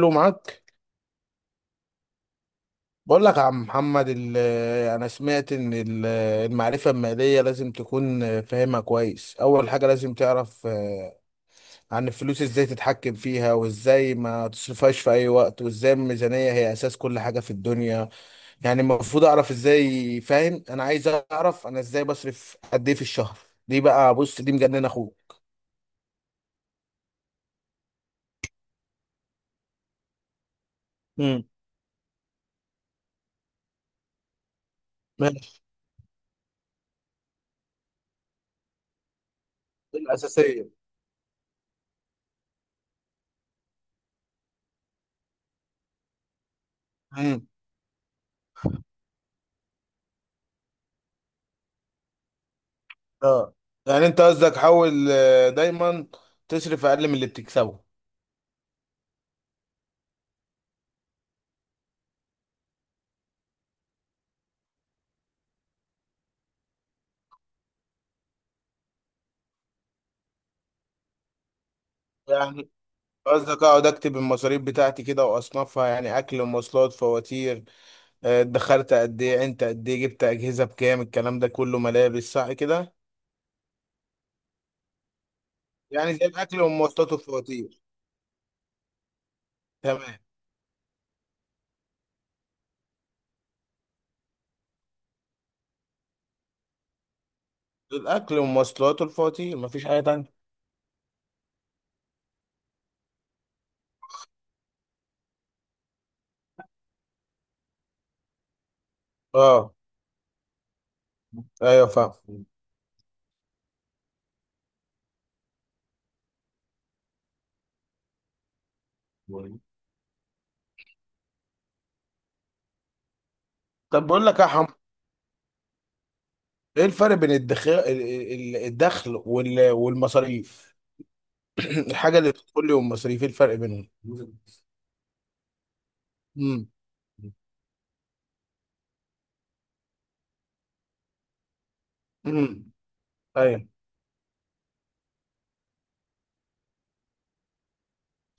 له معاك. بقول لك يا عم محمد انا سمعت ان المعرفه الماليه لازم تكون فاهمها كويس. اول حاجه لازم تعرف، عن الفلوس، ازاي تتحكم فيها وازاي ما تصرفهاش في اي وقت، وازاي الميزانيه هي اساس كل حاجه في الدنيا. يعني المفروض اعرف ازاي، فاهم؟ انا عايز اعرف انا ازاي بصرف قد ايه في الشهر. دي بقى، بص، دي مجننه اخوك. امم. ماشي. دي الأساسية. امم. اه، يعني انت قصدك حاول دايما تصرف اقل من اللي بتكسبه. يعني قصدك اقعد اكتب المصاريف بتاعتي كده واصنفها، يعني اكل، مواصلات، فواتير، دخلت قد ايه، انت قد ايه جبت اجهزه بكام، الكلام ده كله، ملابس، صح كده؟ يعني زي الاكل والمواصلات والفواتير. تمام. الاكل والمواصلات والفواتير، مفيش حاجه تانية. اه، ايوه فاهم. طب بقول لك يا حمو، ايه الفرق بين الدخل والمصاريف؟ الحاجه اللي بتدخل لي والمصاريف، ايه الفرق بينهم؟ امم. امم. ايوه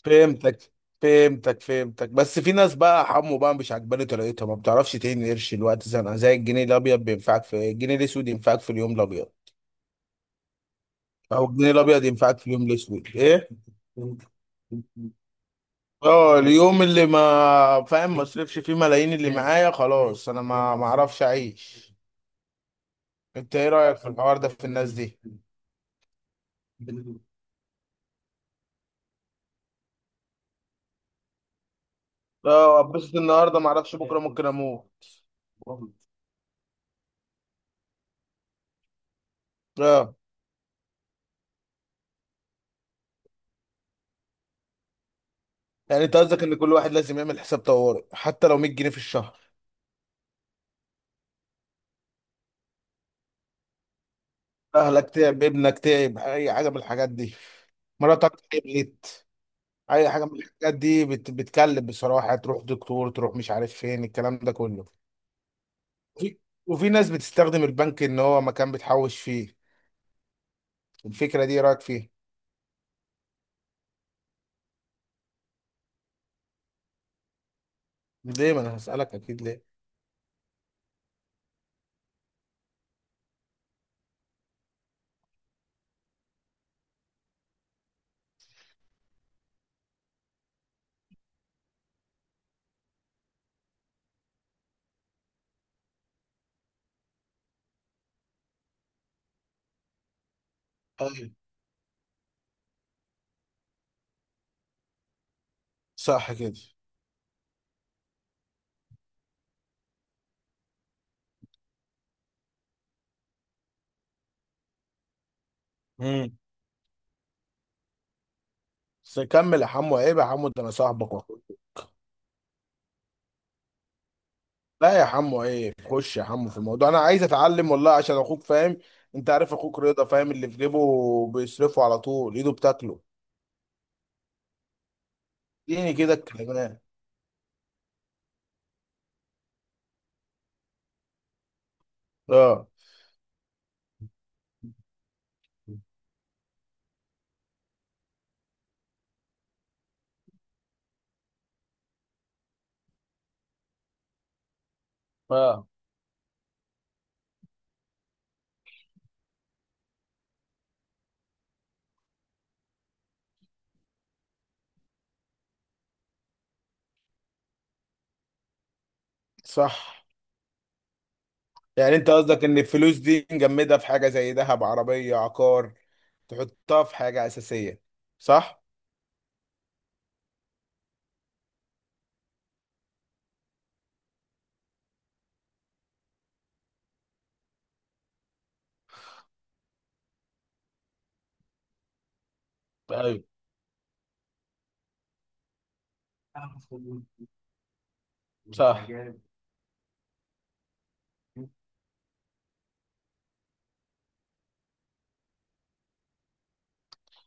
فهمتك فهمتك فهمتك، بس في ناس بقى حمو بقى مش عجباني طريقتها، ما بتعرفش تهين قرش الوقت زنقه، زي الجنيه الابيض بينفعك في الجنيه الاسود، ينفعك في اليوم الابيض، او الجنيه الابيض ينفعك في اليوم الاسود. ايه، اه، اليوم اللي ما فاهم ما اصرفش فيه ملايين اللي معايا خلاص انا ما اعرفش اعيش. انت ايه رايك في الحوار ده في الناس دي؟ اه، اتبسط النهارده، ما اعرفش بكره ممكن اموت. اه، يعني انت قصدك ان كل واحد لازم يعمل حساب طوارئ، حتى لو 100 جنيه في الشهر. اهلك تعب، ابنك تعب، اي حاجه من الحاجات دي. مراتك تعبت. اي حاجه من الحاجات دي بتكلم بصراحه، تروح دكتور، تروح مش عارف فين، الكلام ده كله. وفي, وفي ناس بتستخدم البنك ان هو مكان بتحوش فيه. الفكره دي إيه رايك فيها؟ ليه؟ ما انا هسالك اكيد ليه. أيوة. صح كده. امم. بس كمل يا حمو، عيب يا حمو، ده انا صاحبك واخوك. لا يا حمو، عيب، خش يا حمو في الموضوع، انا عايز اتعلم والله، عشان اخوك فاهم. انت عارف اخوك رضا فاهم اللي في جيبه، بيصرفه على طول، ايده بتاكله. اديني كده الكلمات. اه، اه، صح. يعني انت قصدك ان الفلوس دي نجمدها في حاجه زي ذهب، عربيه، عقار، تحطها في حاجه اساسيه. صح. ايوه صح.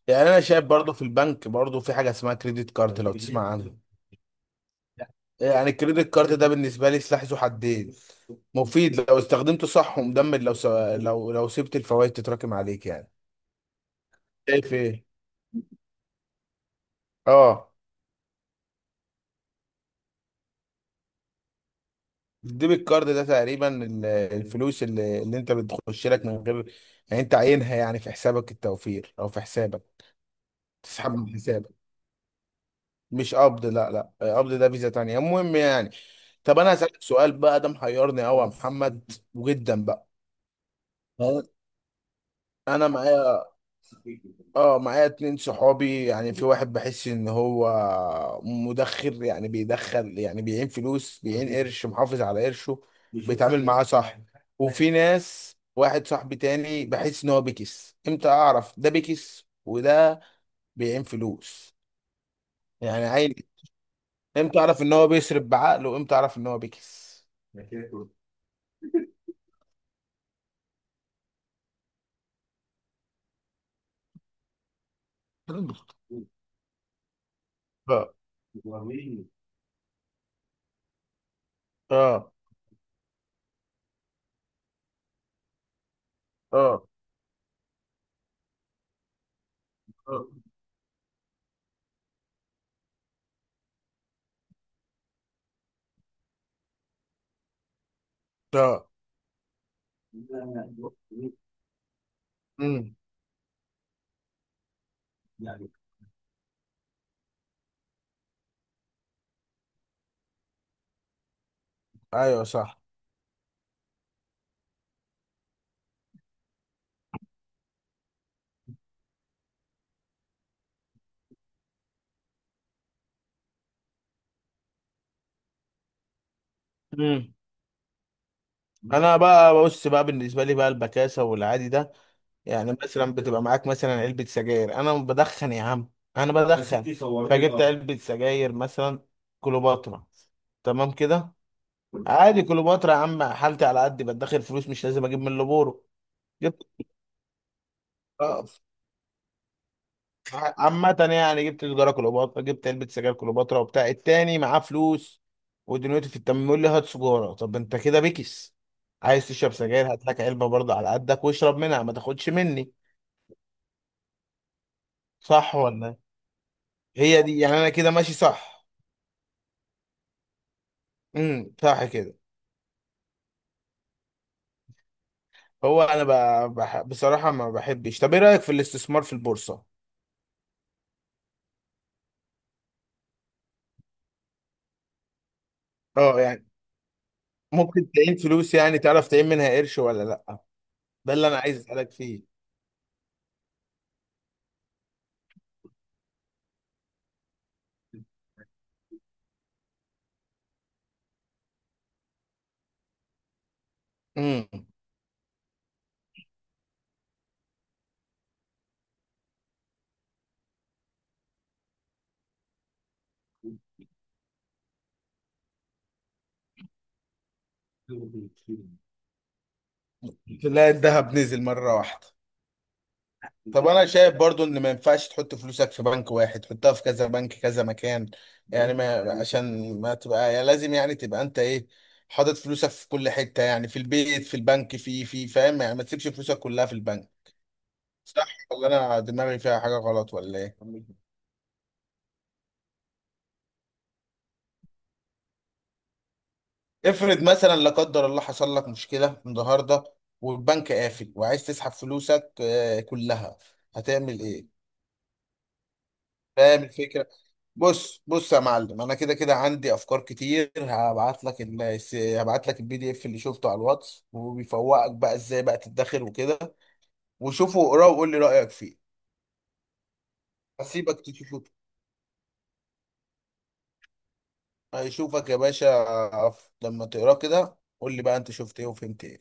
يعني انا شايف برضو في البنك، برضو في حاجه اسمها كريدت كارد، لو تسمع عنها. يعني الكريدت كارد ده بالنسبه لي سلاح ذو حدين، مفيد لو استخدمته صح، ومدمر لو س... لو لو سبت الفوائد تتراكم عليك يعني. شايف ايه؟ اه. الديبت كارد ده تقريبا الفلوس اللي انت بتخش لك من غير، يعني انت عينها يعني في حسابك التوفير او في حسابك، تسحب من حسابك. مش قبض، لا، لا، قبض ده فيزا تانية، المهم يعني. طب انا هسألك سؤال بقى، ده محيرني قوي يا محمد وجدا بقى. اه. انا معايا، اه، معايا اتنين صحابي. يعني في واحد بحس ان هو مدخر، يعني بيدخل يعني بيعين فلوس، بيعين قرش، محافظ على قرشه، بيتعامل معاه صح. وفي ناس، واحد صاحبي تاني بحس ان هو بيكس. امتى اعرف ده بيكس وده بيعين فلوس؟ يعني عين. امتى اعرف ان هو بيصرف بعقله وامتى اعرف ان هو بيكس؟ اه، اه، اه، اه، اه. امم. ايوه صح. امم. انا بقى، بص بقى، بالنسبه لي بقى البكاسه والعادي ده، يعني مثلا بتبقى معاك مثلا علبة سجاير. انا بدخن يا عم، انا يا بدخن، فجبت علبة سجاير مثلا كليوباترا، تمام كده؟ عادي، كليوباترا يا عم، حالتي على قد بدخل فلوس، مش لازم اجيب من لبورو. جبت، آه، عامة يعني جبت سجارة كليوباترا، جبت علبة سجاير كليوباترا، وبتاع التاني معاه فلوس ودنيته في التمام، يقول لي هات سجارة. طب انت كده بكس، عايز تشرب سجاير هات لك علبة برضه على قدك، واشرب منها ما تاخدش مني. صح ولا إيه؟ هي دي، يعني انا كده ماشي صح. امم. صح كده. هو انا بصراحه ما بحبش. طب ايه رايك في الاستثمار في البورصه؟ اه يعني، ممكن تعين فلوس؟ يعني تعرف تعين منها قرش ولا لا؟ ده اللي انا عايز اسالك فيه. امم. تلاقي الذهب نزل مره واحده. طب انا شايف برضو ان ما ينفعش تحط فلوسك في بنك واحد، تحطها في كذا بنك، كذا مكان. يعني ما، عشان ما تبقى، يعني لازم يعني تبقى انت ايه، حاطط فلوسك في كل حته، يعني في البيت، في البنك، في فاهم، يعني ما تسيبش فلوسك كلها في البنك. صح ولا انا دماغي فيها حاجه غلط، ولا ايه؟ افرض مثلا لا قدر الله حصل لك مشكلة النهاردة، والبنك قافل وعايز تسحب فلوسك كلها، هتعمل ايه؟ فاهم الفكرة؟ بص بص يا معلم، انا كده كده عندي افكار كتير، هبعت لك هبعت لك البي دي اف اللي شفته على الواتس، وبيفوقك بقى ازاي بقى تدخر وكده. وشوفه واقراه وقول لي رأيك فيه. هسيبك تشوفه، هيشوفك يا باشا. لما تقراه كده قول لي بقى انت شفت ايه وفهمت ايه.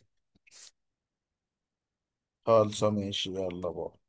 خالص، ماشي، يلا بقى.